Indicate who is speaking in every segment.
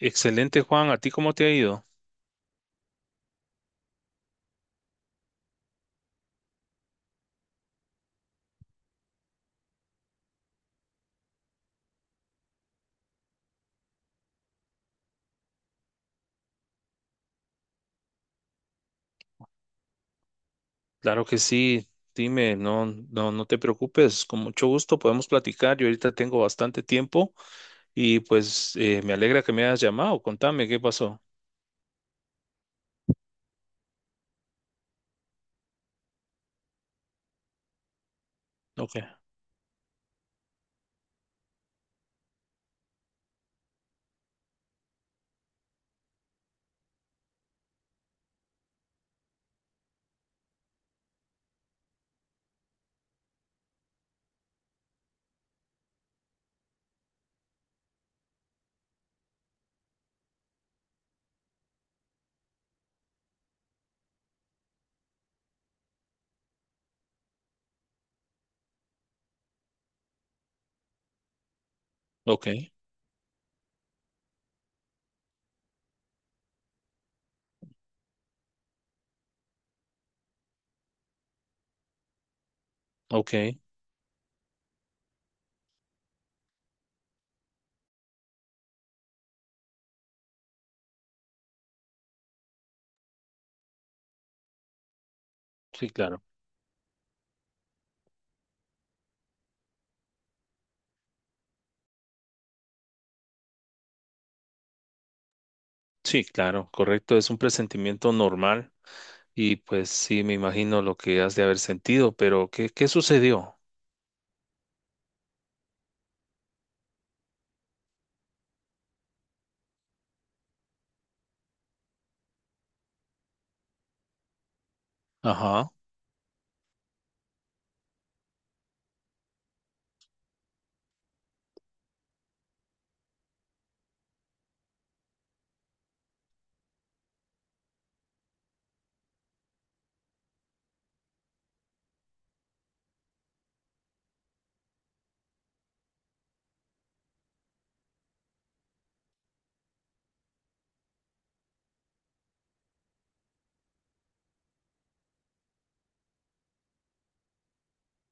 Speaker 1: Excelente, Juan. ¿A ti cómo te ha ido? Claro que sí. Dime, no te preocupes. Con mucho gusto podemos platicar. Yo ahorita tengo bastante tiempo y pues me alegra que me hayas llamado. Contame qué pasó. Ok, ok, ok. Sí, claro. Sí, claro, correcto. Es un presentimiento normal y pues sí, me imagino lo que has de haber sentido, pero ¿qué sucedió? Ajá,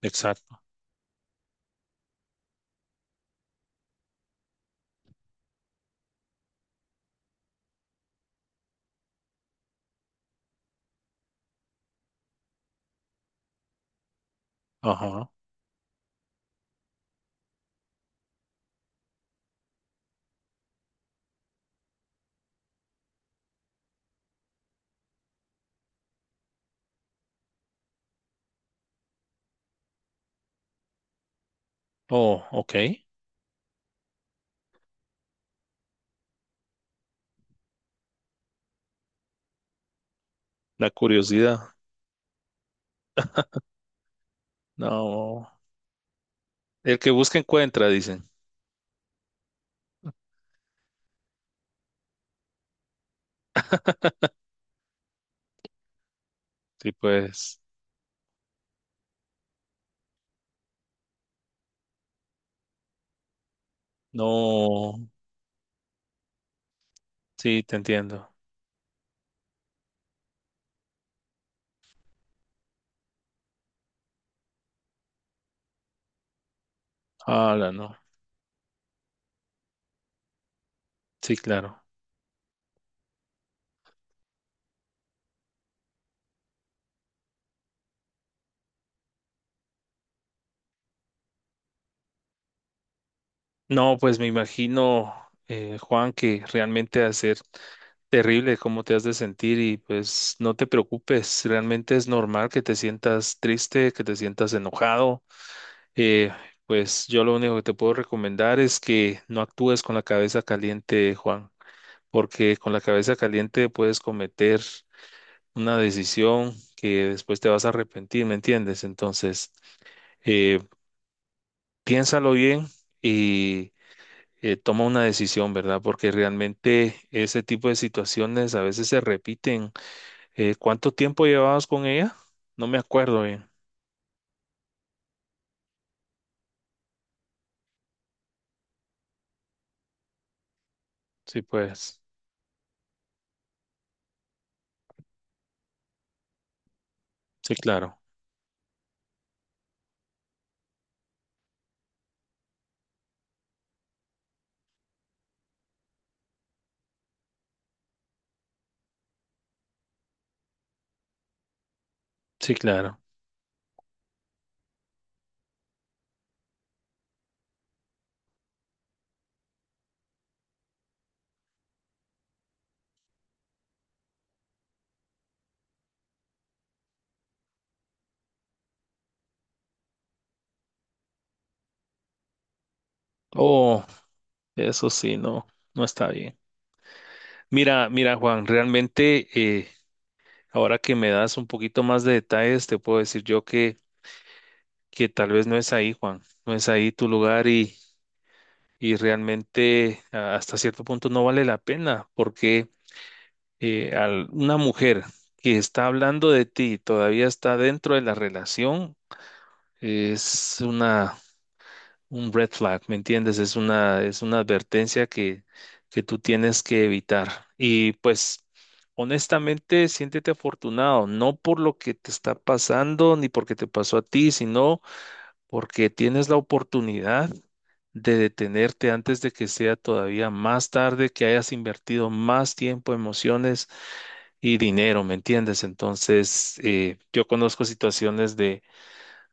Speaker 1: exacto. Ajá. Oh, ok. La curiosidad. No. El que busca encuentra, dicen. Sí, pues, no, sí, te entiendo. Hala, no. Sí, claro. No, pues me imagino, Juan, que realmente ha ser terrible cómo te has de sentir y pues no te preocupes, realmente es normal que te sientas triste, que te sientas enojado. Eh, pues yo lo único que te puedo recomendar es que no actúes con la cabeza caliente, Juan, porque con la cabeza caliente puedes cometer una decisión que después te vas a arrepentir, ¿me entiendes? Entonces, eh, piénsalo bien y toma una decisión, ¿verdad? Porque realmente ese tipo de situaciones a veces se repiten. ¿Cuánto tiempo llevabas con ella? No me acuerdo bien. Sí, pues. Sí, claro. Sí, claro. Oh, eso sí, no, no está bien. Mira, Juan, realmente ahora que me das un poquito más de detalles, te puedo decir yo que tal vez no es ahí, Juan, no es ahí tu lugar y realmente hasta cierto punto no vale la pena porque una mujer que está hablando de ti y todavía está dentro de la relación es una, un red flag, ¿me entiendes? Es una advertencia que tú tienes que evitar. Y pues... Honestamente, siéntete afortunado, no por lo que te está pasando ni porque te pasó a ti, sino porque tienes la oportunidad de detenerte antes de que sea todavía más tarde, que hayas invertido más tiempo, emociones y dinero, ¿me entiendes? Entonces, yo conozco situaciones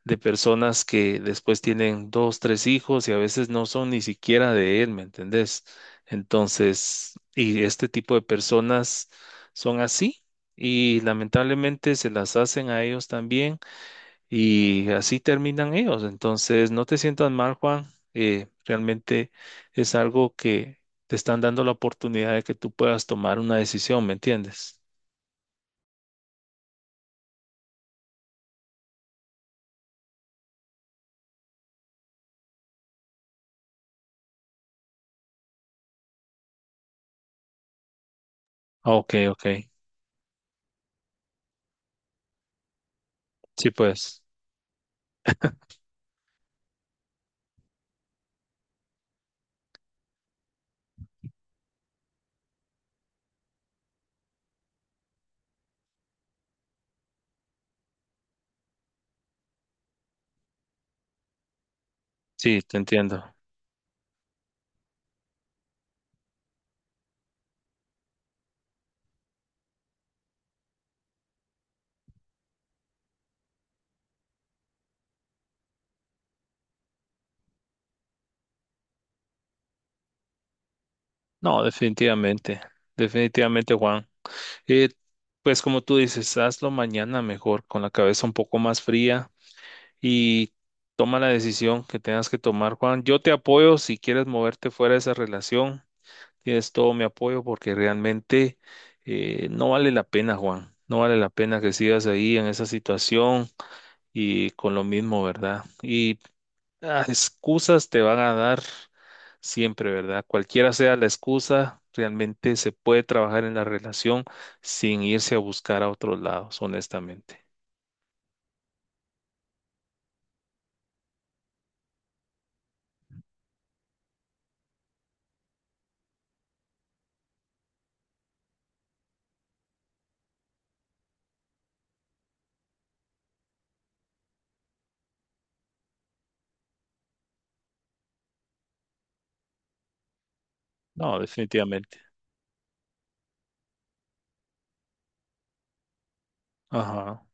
Speaker 1: de personas que después tienen dos, tres hijos y a veces no son ni siquiera de él, ¿me entendés? Entonces, y este tipo de personas son así y lamentablemente se las hacen a ellos también y así terminan ellos. Entonces, no te sientas mal, Juan. Realmente es algo que te están dando la oportunidad de que tú puedas tomar una decisión, ¿me entiendes? Ah, ok, ok. Sí, pues. Sí, te entiendo. No, definitivamente. Definitivamente, Juan. Eh, pues como tú dices, hazlo mañana mejor, con la cabeza un poco más fría y toma la decisión que tengas que tomar, Juan. Yo te apoyo si quieres moverte fuera de esa relación. Tienes todo mi apoyo porque realmente no vale la pena, Juan. No vale la pena que sigas ahí en esa situación y con lo mismo, ¿verdad? Y ah, excusas te van a dar siempre, ¿verdad? Cualquiera sea la excusa, realmente se puede trabajar en la relación sin irse a buscar a otros lados, honestamente. No, definitivamente. Ajá.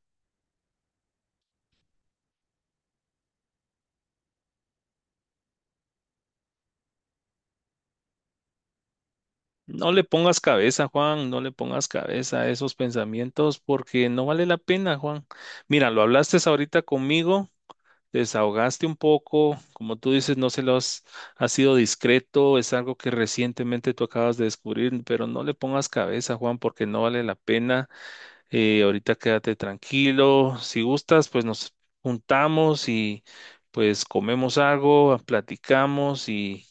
Speaker 1: No le pongas cabeza, Juan, no le pongas cabeza a esos pensamientos porque no vale la pena, Juan. Mira, lo hablaste ahorita conmigo, te desahogaste un poco, como tú dices, no se los has sido discreto, es algo que recientemente tú acabas de descubrir, pero no le pongas cabeza, Juan, porque no vale la pena. Ahorita quédate tranquilo, si gustas, pues nos juntamos y pues comemos algo, platicamos y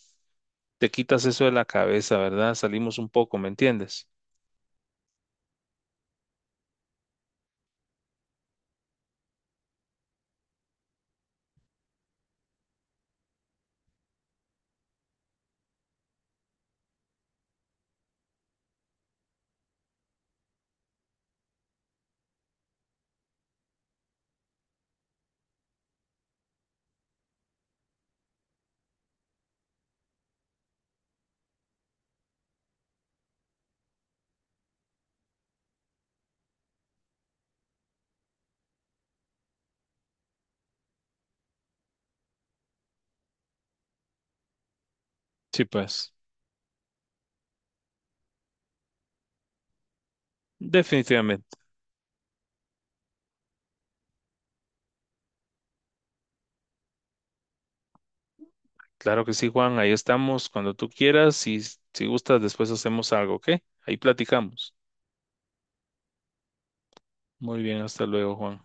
Speaker 1: te quitas eso de la cabeza, ¿verdad? Salimos un poco, ¿me entiendes? Sí, pues, definitivamente. Claro que sí, Juan. Ahí estamos cuando tú quieras y si gustas, después hacemos algo, ¿ok? Ahí platicamos. Muy bien, hasta luego, Juan.